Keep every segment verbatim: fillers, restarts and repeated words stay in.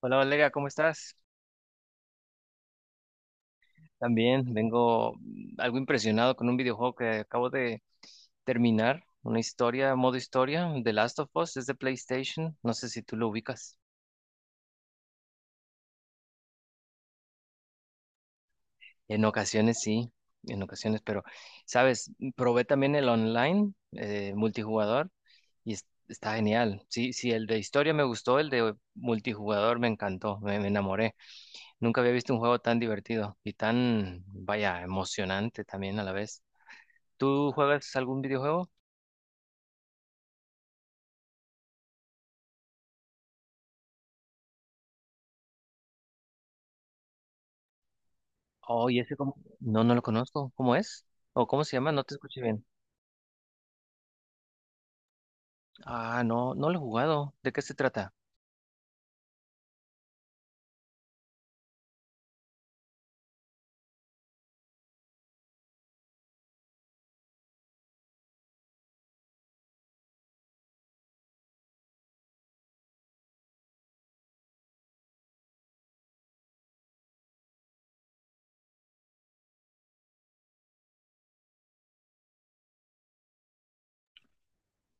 Hola Valeria, ¿cómo estás? También vengo mm, algo impresionado con un videojuego que acabo de terminar, una historia, modo historia, The Last of Us, es de PlayStation, no sé si tú lo ubicas. En ocasiones sí, en ocasiones, pero, sabes, probé también el online, eh, multijugador, y es- está genial. Sí, sí, el de historia me gustó, el de multijugador me encantó, me, me enamoré. Nunca había visto un juego tan divertido y tan, vaya, emocionante también a la vez. ¿Tú juegas algún videojuego? Oh, ¿y ese cómo? No, no lo conozco. ¿Cómo es? ¿O cómo se llama? No te escuché bien. Ah, no, no lo he jugado. ¿De qué se trata?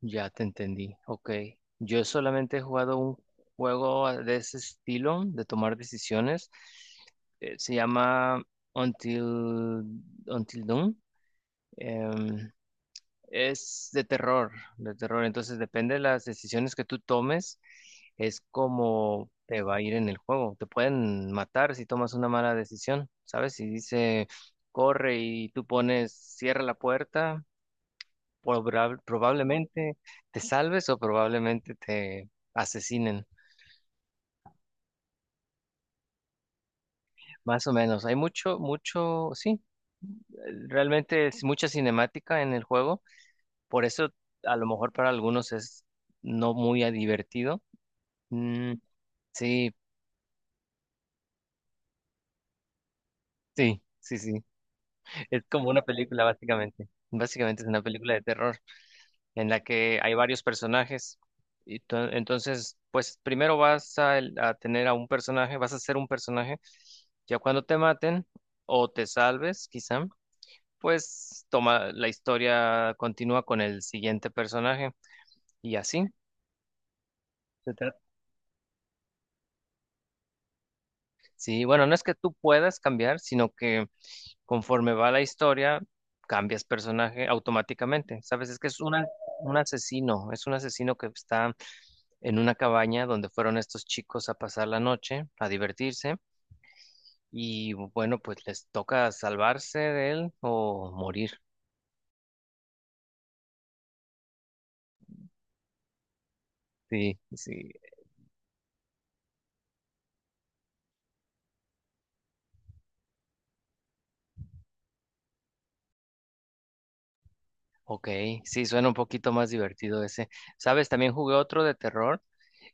Ya te entendí. Ok. Yo solamente he jugado un juego ah, de ese estilo, de tomar decisiones. Eh, se llama Until, Until Dawn. Em, Es de terror, de terror. Entonces depende de las decisiones que tú tomes, es como te va a ir en el juego. Te pueden matar si tomas una mala decisión, ¿sabes? Si dice corre y tú pones cierra la puerta, probab- probablemente te salves o probablemente te asesinen. Más o menos. Hay mucho, mucho, sí, realmente es mucha cinemática en el juego. Por eso a lo mejor para algunos es no muy divertido. Mm. Sí, sí, sí, sí. Es como una película, básicamente. Básicamente es una película de terror en la que hay varios personajes. Y to- entonces, pues primero vas a, el- a tener a un personaje, vas a ser un personaje. Ya cuando te maten o te salves, quizá, pues toma la historia, continúa con el siguiente personaje y así. Sí, bueno, no es que tú puedas cambiar, sino que conforme va la historia, cambias personaje automáticamente. Sabes, es que es una, un asesino, es un asesino que está en una cabaña donde fueron estos chicos a pasar la noche, a divertirse, y bueno, pues les toca salvarse de él o morir. Sí, sí, ok, sí, suena un poquito más divertido ese. Sabes, también jugué otro de terror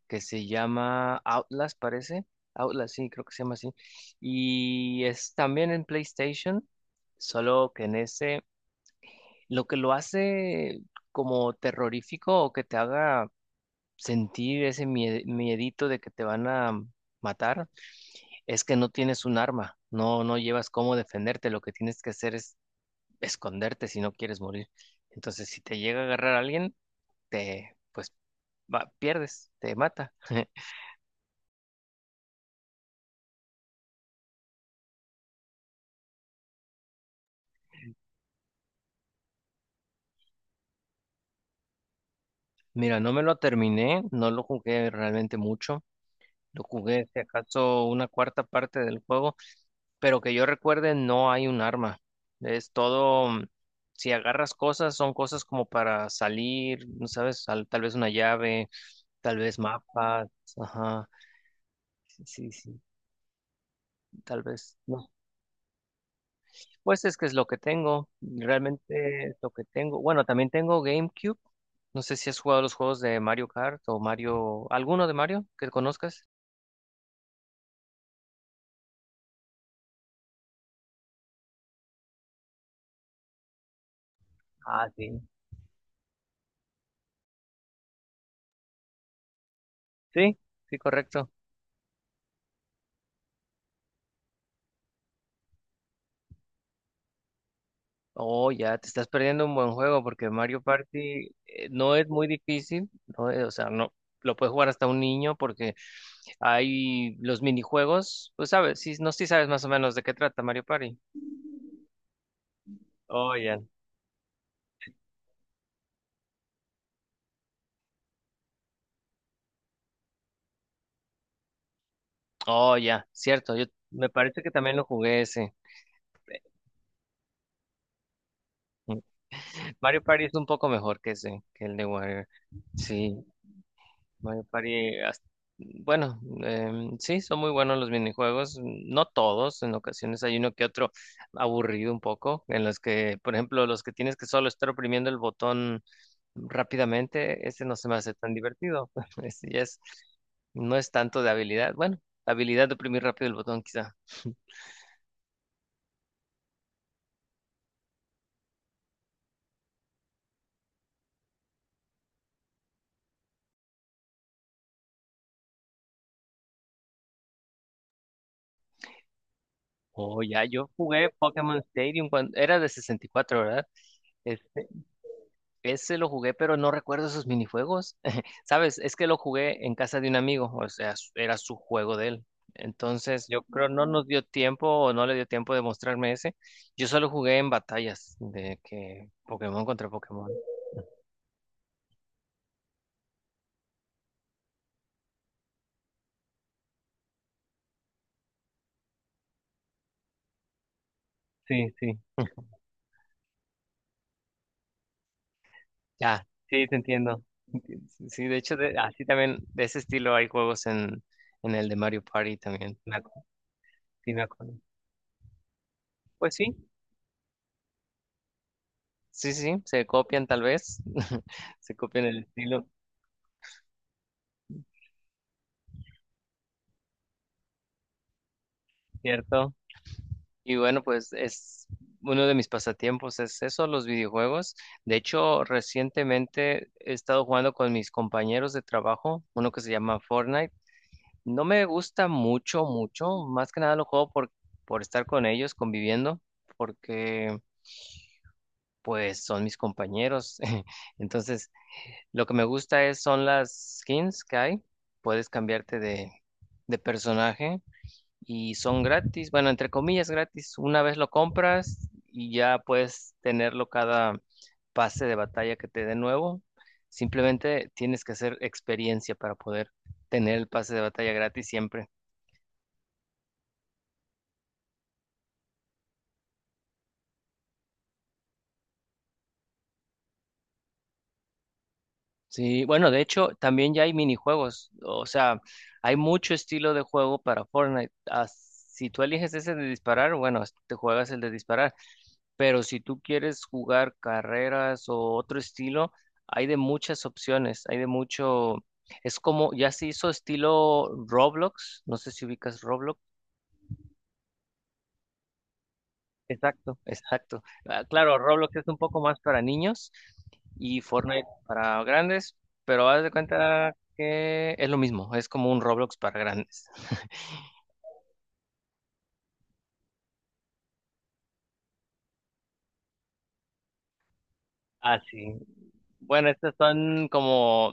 que se llama Outlast, parece. Outlast, sí, creo que se llama así. Y es también en PlayStation, solo que en ese, lo que lo hace como terrorífico o que te haga sentir ese mie- miedito de que te van a matar, es que no tienes un arma, no, no llevas cómo defenderte, lo que tienes que hacer es esconderte si no quieres morir. Entonces, si te llega a agarrar alguien, te, pues, va- pierdes, te mata. Mira, no me lo terminé, no lo jugué realmente mucho. Lo jugué, si acaso, una cuarta parte del juego, pero que yo recuerde, no hay un arma. Es todo, mm, si agarras cosas, son cosas como para salir, ¿no? ¿Sabes? Tal, tal vez una llave, tal vez mapas, ajá, sí, sí, sí, tal vez, no. Pues es que es lo que tengo, realmente es lo que tengo. Bueno, también tengo GameCube. No sé si has jugado los juegos de Mario Kart o Mario, alguno de Mario que conozcas. Ah, sí. Sí, sí, correcto. Oh, ya te estás perdiendo un buen juego porque Mario Party eh, no es muy difícil, no es- o sea, no lo puede jugar hasta un niño porque hay los minijuegos, pues sabes, sí, no sé si sabes más o menos de qué trata Mario Party. Oh, ya. Oh, ya, cierto, yo me parece que también lo jugué ese. Mm. Mario Party es un poco mejor que ese, que el de Warrior. Sí. Mario Party, hasta- bueno, em, sí, son muy buenos los minijuegos, no todos, en ocasiones hay uno que otro aburrido un poco, en los que, por ejemplo, los que tienes que solo estar oprimiendo el botón rápidamente, ese no se me hace tan divertido, ese ya es, no es tanto de habilidad, bueno, habilidad de oprimir rápido el botón quizá. Oh, ya, yo jugué Pokémon Stadium cuando era de sesenta y cuatro, ¿verdad? Ese lo jugué, pero no recuerdo esos minijuegos. ¿Sabes? Es que lo jugué en casa de un amigo, o sea, su- era su juego de él. Entonces, yo creo no nos dio tiempo o no le dio tiempo de mostrarme ese. Yo solo jugué en batallas de que Pokémon contra Pokémon. Sí, sí. Ya, sí, te entiendo. Sí, de hecho, de- así también, de ese estilo hay juegos en, en, el de Mario Party también. Me acu- sí, me acuerdo. Pues sí, sí, sí, se copian tal vez, se copian el estilo, ¿cierto? Y bueno, pues es uno de mis pasatiempos, es eso, los videojuegos. De hecho, recientemente he estado jugando con mis compañeros de trabajo, uno que se llama Fortnite. No me gusta mucho, mucho, más que nada lo juego por, por, estar con ellos, conviviendo, porque pues son mis compañeros. Entonces, lo que me gusta es son las skins que hay. Puedes cambiarte de, de personaje y son gratis, bueno, entre comillas gratis. Una vez lo compras y ya puedes tenerlo cada pase de batalla que te dé nuevo. Simplemente tienes que hacer experiencia para poder tener el pase de batalla gratis siempre. Sí, bueno, de hecho, también ya hay minijuegos. O sea, hay mucho estilo de juego para Fortnite. Ah, si tú eliges ese de disparar, bueno, te juegas el de disparar. Pero si tú quieres jugar carreras o otro estilo, hay de muchas opciones, hay de mucho. Es como, ya se hizo estilo Roblox, no sé si ubicas Roblox. Exacto, exacto. Ah, claro, Roblox es un poco más para niños y Fortnite para grandes, pero haz de cuenta que es lo mismo, es como un Roblox para grandes. Ah, sí. Bueno, estas son como,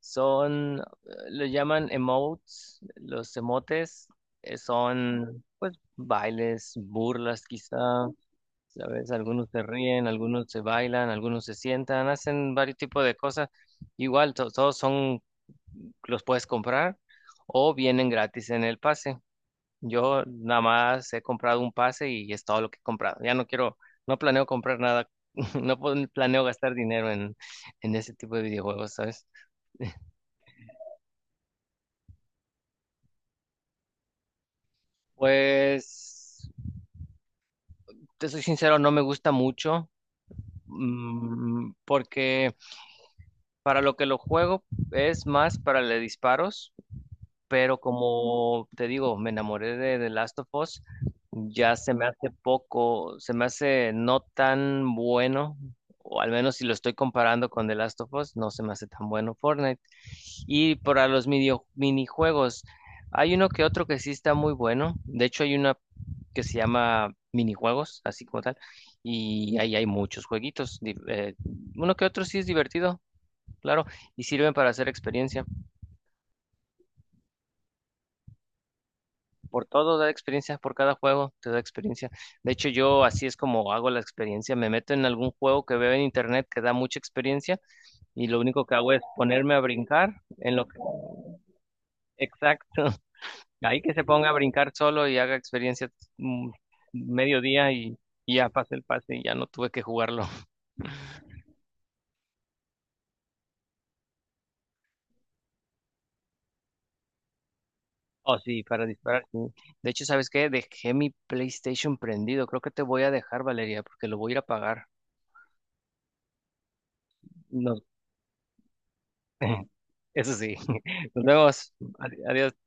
son, eh, lo llaman emotes, los emotes, eh, son pues bailes, burlas quizá, ¿sabes? Algunos se ríen, algunos se bailan, algunos se sientan, hacen varios tipos de cosas. Igual, to- todos son, los puedes comprar o vienen gratis en el pase. Yo nada más he comprado un pase y es todo lo que he comprado. Ya no quiero, no planeo comprar nada, no pon- planeo gastar dinero en, en, ese tipo de videojuegos, ¿sabes? Pues, te soy sincero, no me gusta mucho, mm, porque para lo que lo juego es más para le disparos. Pero como te digo, me enamoré de The Last of Us, ya se me hace poco, se me hace no tan bueno, o al menos si lo estoy comparando con The Last of Us, no se me hace tan bueno Fortnite. Y para los midio- minijuegos, hay uno que otro que sí está muy bueno, de hecho hay una que se llama minijuegos, así como tal, y ahí hay muchos jueguitos, di- eh, uno que otro sí es divertido, claro, y sirven para hacer experiencia. Por todo da experiencia, por cada juego te da experiencia. De hecho, yo así es como hago la experiencia. Me meto en algún juego que veo en internet que da mucha experiencia y lo único que hago es ponerme a brincar en lo que... Exacto. Ahí que se ponga a brincar solo y haga experiencia mm, mediodía y, y, ya pasé el pase y ya no tuve que jugarlo. Oh, sí, para disparar. Sí. De hecho, ¿sabes qué? Dejé mi PlayStation prendido. Creo que te voy a dejar, Valeria, porque lo voy a ir a apagar. No, eso sí. Nos vemos. Adi- Adiós.